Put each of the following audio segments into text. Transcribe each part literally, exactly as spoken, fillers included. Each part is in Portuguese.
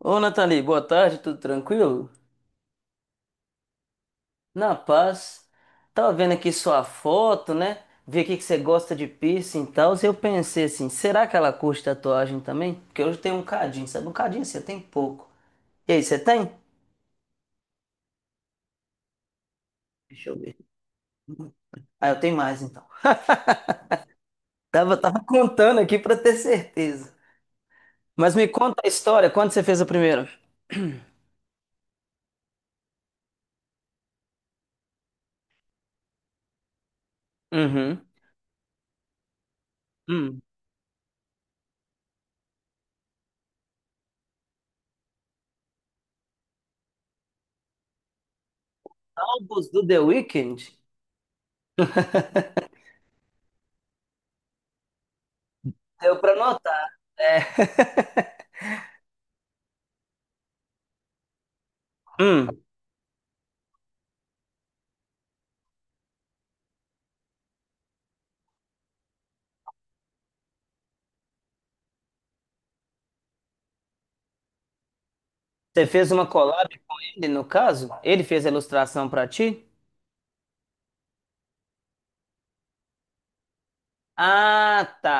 Ô, Nathalie, boa tarde, tudo tranquilo? Na paz. Tava vendo aqui sua foto, né? Vi aqui que você gosta de piercing e tal. E eu pensei assim, será que ela curte tatuagem também? Porque hoje tem um cadinho, sabe? Um cadinho você tem pouco. E aí, você tem? Deixa eu ver. Ah, eu tenho mais então. Tava, tava contando aqui pra ter certeza. Mas me conta a história, quando você fez a primeira? Uhum. Hum. Álbuns do The Weeknd? Deu pra notar, né? Hum. Você fez uma collab com ele, no caso? Ele fez a ilustração pra ti? Ah, tá.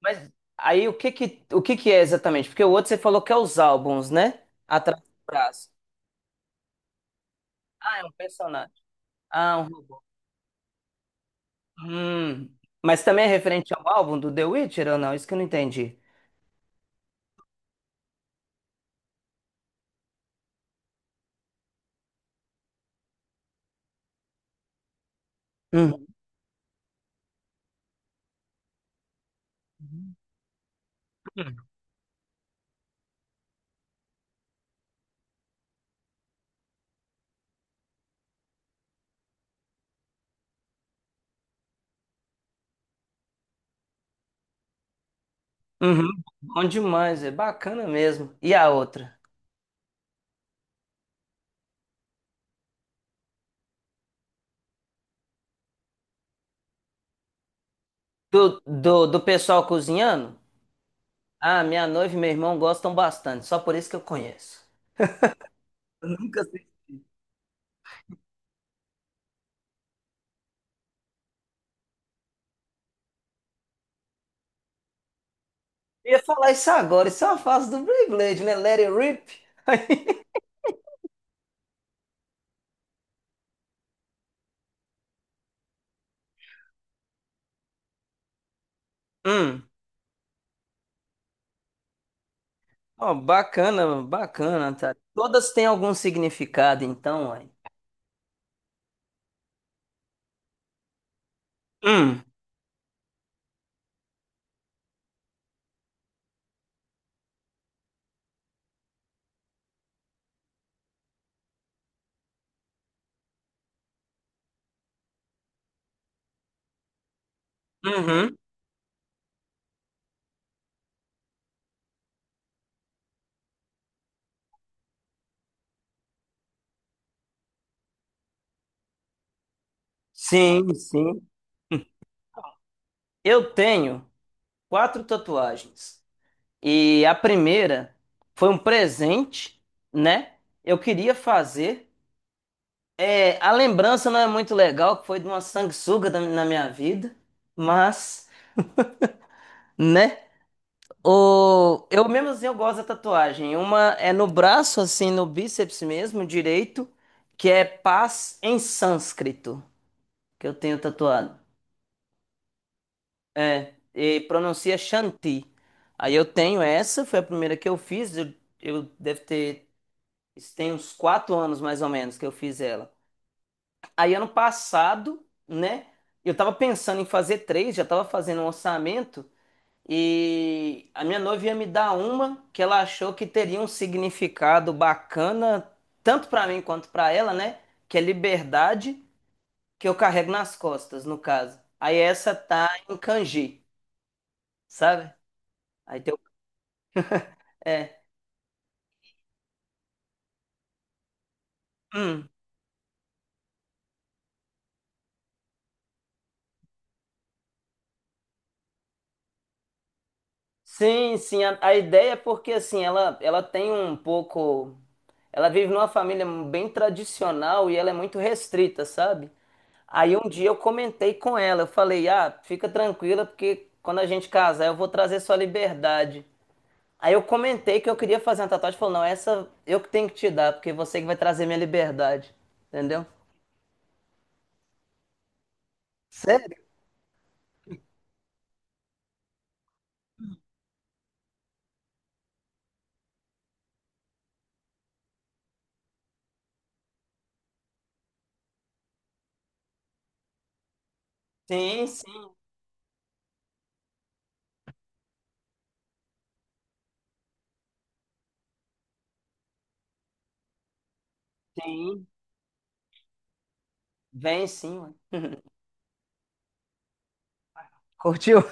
Mas aí o que que, o que que é exatamente? Porque o outro você falou que é os álbuns, né? Atrás do braço. Ah, é um personagem. Ah, um robô. Hum. Mas também é referente ao álbum do The Witcher ou não? Isso que eu não entendi. Hum. Uhum. Bom demais, é bacana mesmo. E a outra? Do, do, do pessoal cozinhando? Ah, minha noiva e meu irmão gostam bastante, só por isso que eu conheço. Eu nunca. Eu ia falar isso agora, isso é uma fase do Beyblade, né? Let it rip. Hum. Ó, bacana, bacana, tá? Todas têm algum significado, então, ué. Hum, uhum. Sim, sim. Eu tenho quatro tatuagens. E a primeira foi um presente, né? Eu queria fazer. É, a lembrança não é muito legal, que foi de uma sanguessuga da- na minha vida, mas, né? O... Eu mesmo assim eu gosto da tatuagem. Uma é no braço, assim, no bíceps mesmo, direito, que é paz em sânscrito, que eu tenho tatuado. E pronuncia Shanti. Aí eu tenho essa, foi a primeira que eu fiz. Eu, eu deve ter. Isso tem uns quatro anos mais ou menos que eu fiz ela. Aí ano passado, né? Eu tava pensando em fazer três, já tava fazendo um orçamento. E a minha noiva ia me dar uma que ela achou que teria um significado bacana, tanto pra mim quanto pra ela, né? Que é liberdade que eu carrego nas costas, no caso. Aí essa tá em kanji, sabe? Aí tem o-. É. Hum. Sim, sim, a, a ideia é porque assim, ela, ela tem um pouco. Ela vive numa família bem tradicional e ela é muito restrita, sabe? Aí um dia eu comentei com ela, eu falei, ah, fica tranquila, porque quando a gente casar eu vou trazer sua liberdade. Aí eu comentei que eu queria fazer uma tatuagem, falou, não, essa eu que tenho que te dar, porque você que vai trazer minha liberdade, entendeu? Sério? Sim, sim, sim. Vem sim, ué. Curtiu?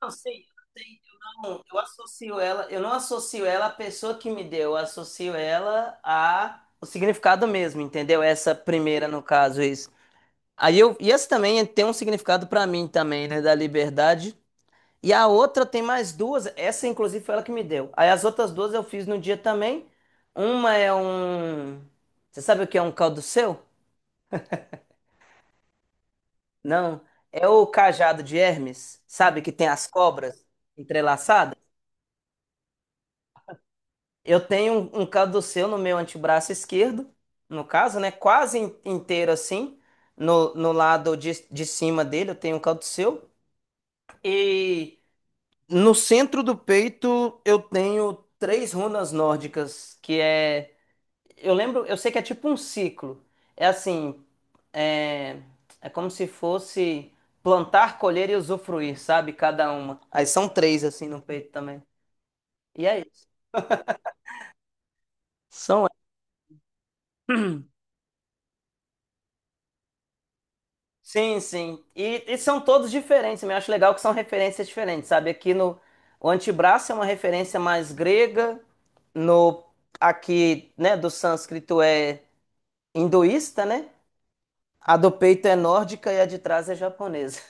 Não sei, eu, sei, eu não, eu associo ela, eu não associo ela à pessoa que me deu, eu associo ela a o significado mesmo, entendeu? Essa primeira, no caso, isso. Aí eu, e essa também tem um significado pra mim também, né, da liberdade. E a outra tem mais duas, essa inclusive foi ela que me deu. Aí as outras duas eu fiz no dia também. Uma é um, você sabe o que é um caldo seu? Não, é o cajado de Hermes, sabe que tem as cobras entrelaçadas? Eu tenho um, um caduceu no meu antebraço esquerdo, no caso, né? Quase in- inteiro assim. No, no lado de, de cima dele eu tenho um caduceu. E no centro do peito eu tenho três runas nórdicas, que é. Eu lembro, eu sei que é tipo um ciclo. É assim, é, é como se fosse plantar, colher e usufruir, sabe? Cada uma. Aí são três assim no peito também. E é isso. São. Sim, sim. E, e são todos diferentes. Eu acho legal que são referências diferentes, sabe? Aqui no o antebraço é uma referência mais grega, no aqui, né, do sânscrito é hinduísta, né? A do peito é nórdica e a de trás é japonesa.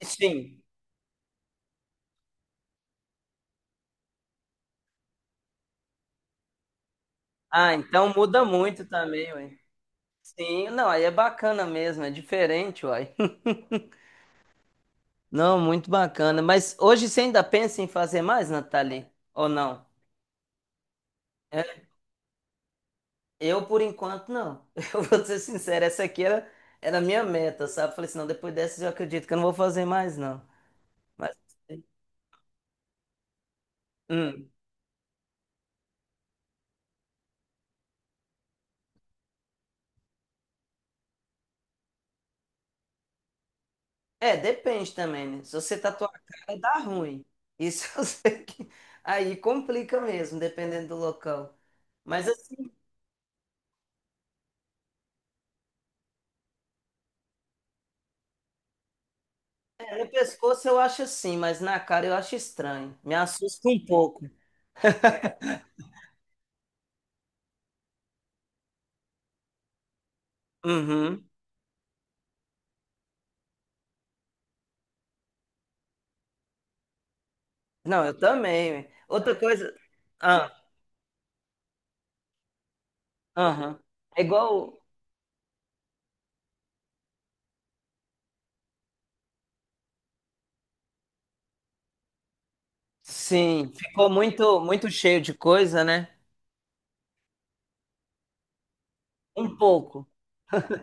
Sim. Ah, então muda muito também, ué. Sim, não, aí é bacana mesmo, é diferente, uai. Não, muito bacana. Mas hoje você ainda pensa em fazer mais, Nathalie? Ou não? Eu, por enquanto, não. Eu vou ser sincero, essa aqui era, era a minha meta, sabe? Falei assim, não, depois dessas eu acredito que eu não vou fazer mais, não. Mas, hum. É, depende também, né? Se você tatuar a cara, dá ruim. Isso eu sei que... Aí complica mesmo, dependendo do local. Mas assim, é, no pescoço eu acho assim, mas na cara eu acho estranho. Me assusta um pouco. Uhum. Não, eu também. Ué. Outra coisa... Ah, aham. É igual... Sim, ficou muito muito cheio de coisa, né? Um pouco.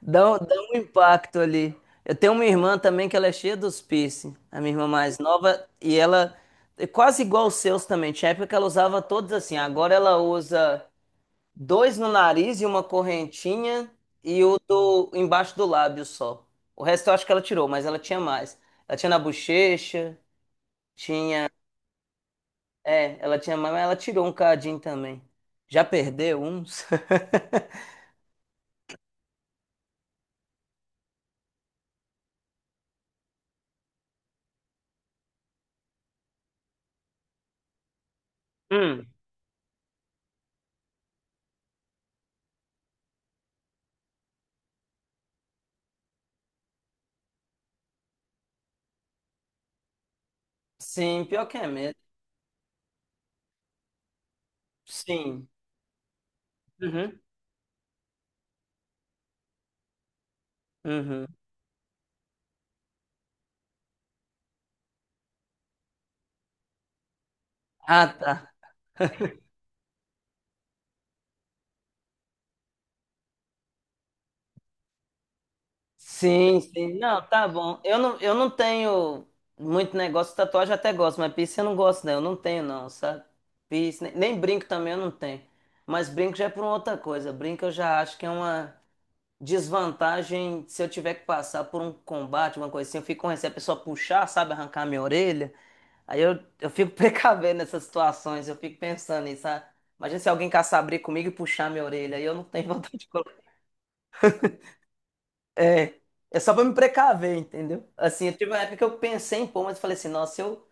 Dá, um- dá um impacto ali. Eu tenho uma irmã também que ela é cheia dos piercing, a minha irmã mais nova, e ela é quase igual os seus também. Tinha época que ela usava todos assim, agora ela usa dois no nariz e uma correntinha e o do embaixo do lábio só. O resto eu acho que ela tirou, mas ela tinha mais. Ela tinha na bochecha. É, ela tinha mais, mas ela tirou um cadinho também. Já perdeu uns? Hum. Sim, pior que é mesmo. Sim. Uhum, uhum. Ah, tá. Sim, sim. Não, tá bom. Eu não, eu não tenho muito negócio de tatuagem, eu até gosto, mas piercing eu não gosto, não. Eu não tenho, não, sabe? Piercing, nem, nem brinco também eu não tenho. Mas brinco já é por uma outra coisa. Brinco eu já acho que é uma desvantagem se eu tiver que passar por um combate, uma coisa assim. Eu fico com receio a pessoa puxar, sabe? Arrancar minha orelha. Aí eu, eu fico precavendo nessas situações, eu fico pensando nisso, sabe? Imagina se alguém caçar briga comigo e puxar minha orelha, aí eu não tenho vontade de colocar. É, é só pra me precaver, entendeu? Assim, eu tive uma época que eu pensei em pôr, mas eu falei assim, nossa, se eu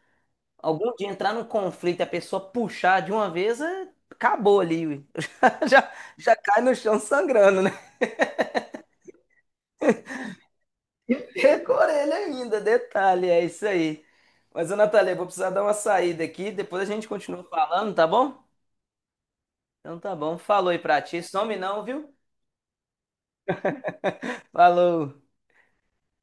algum dia entrar num conflito e a pessoa puxar de uma vez, é- acabou ali, ui. Já, já cai no chão sangrando, né? E com a orelha ainda, detalhe, é isso aí. Mas, ô Natália, eu vou precisar dar uma saída aqui, depois a gente continua falando, tá bom? Então tá bom, falou aí pra ti, some não, viu? Falou.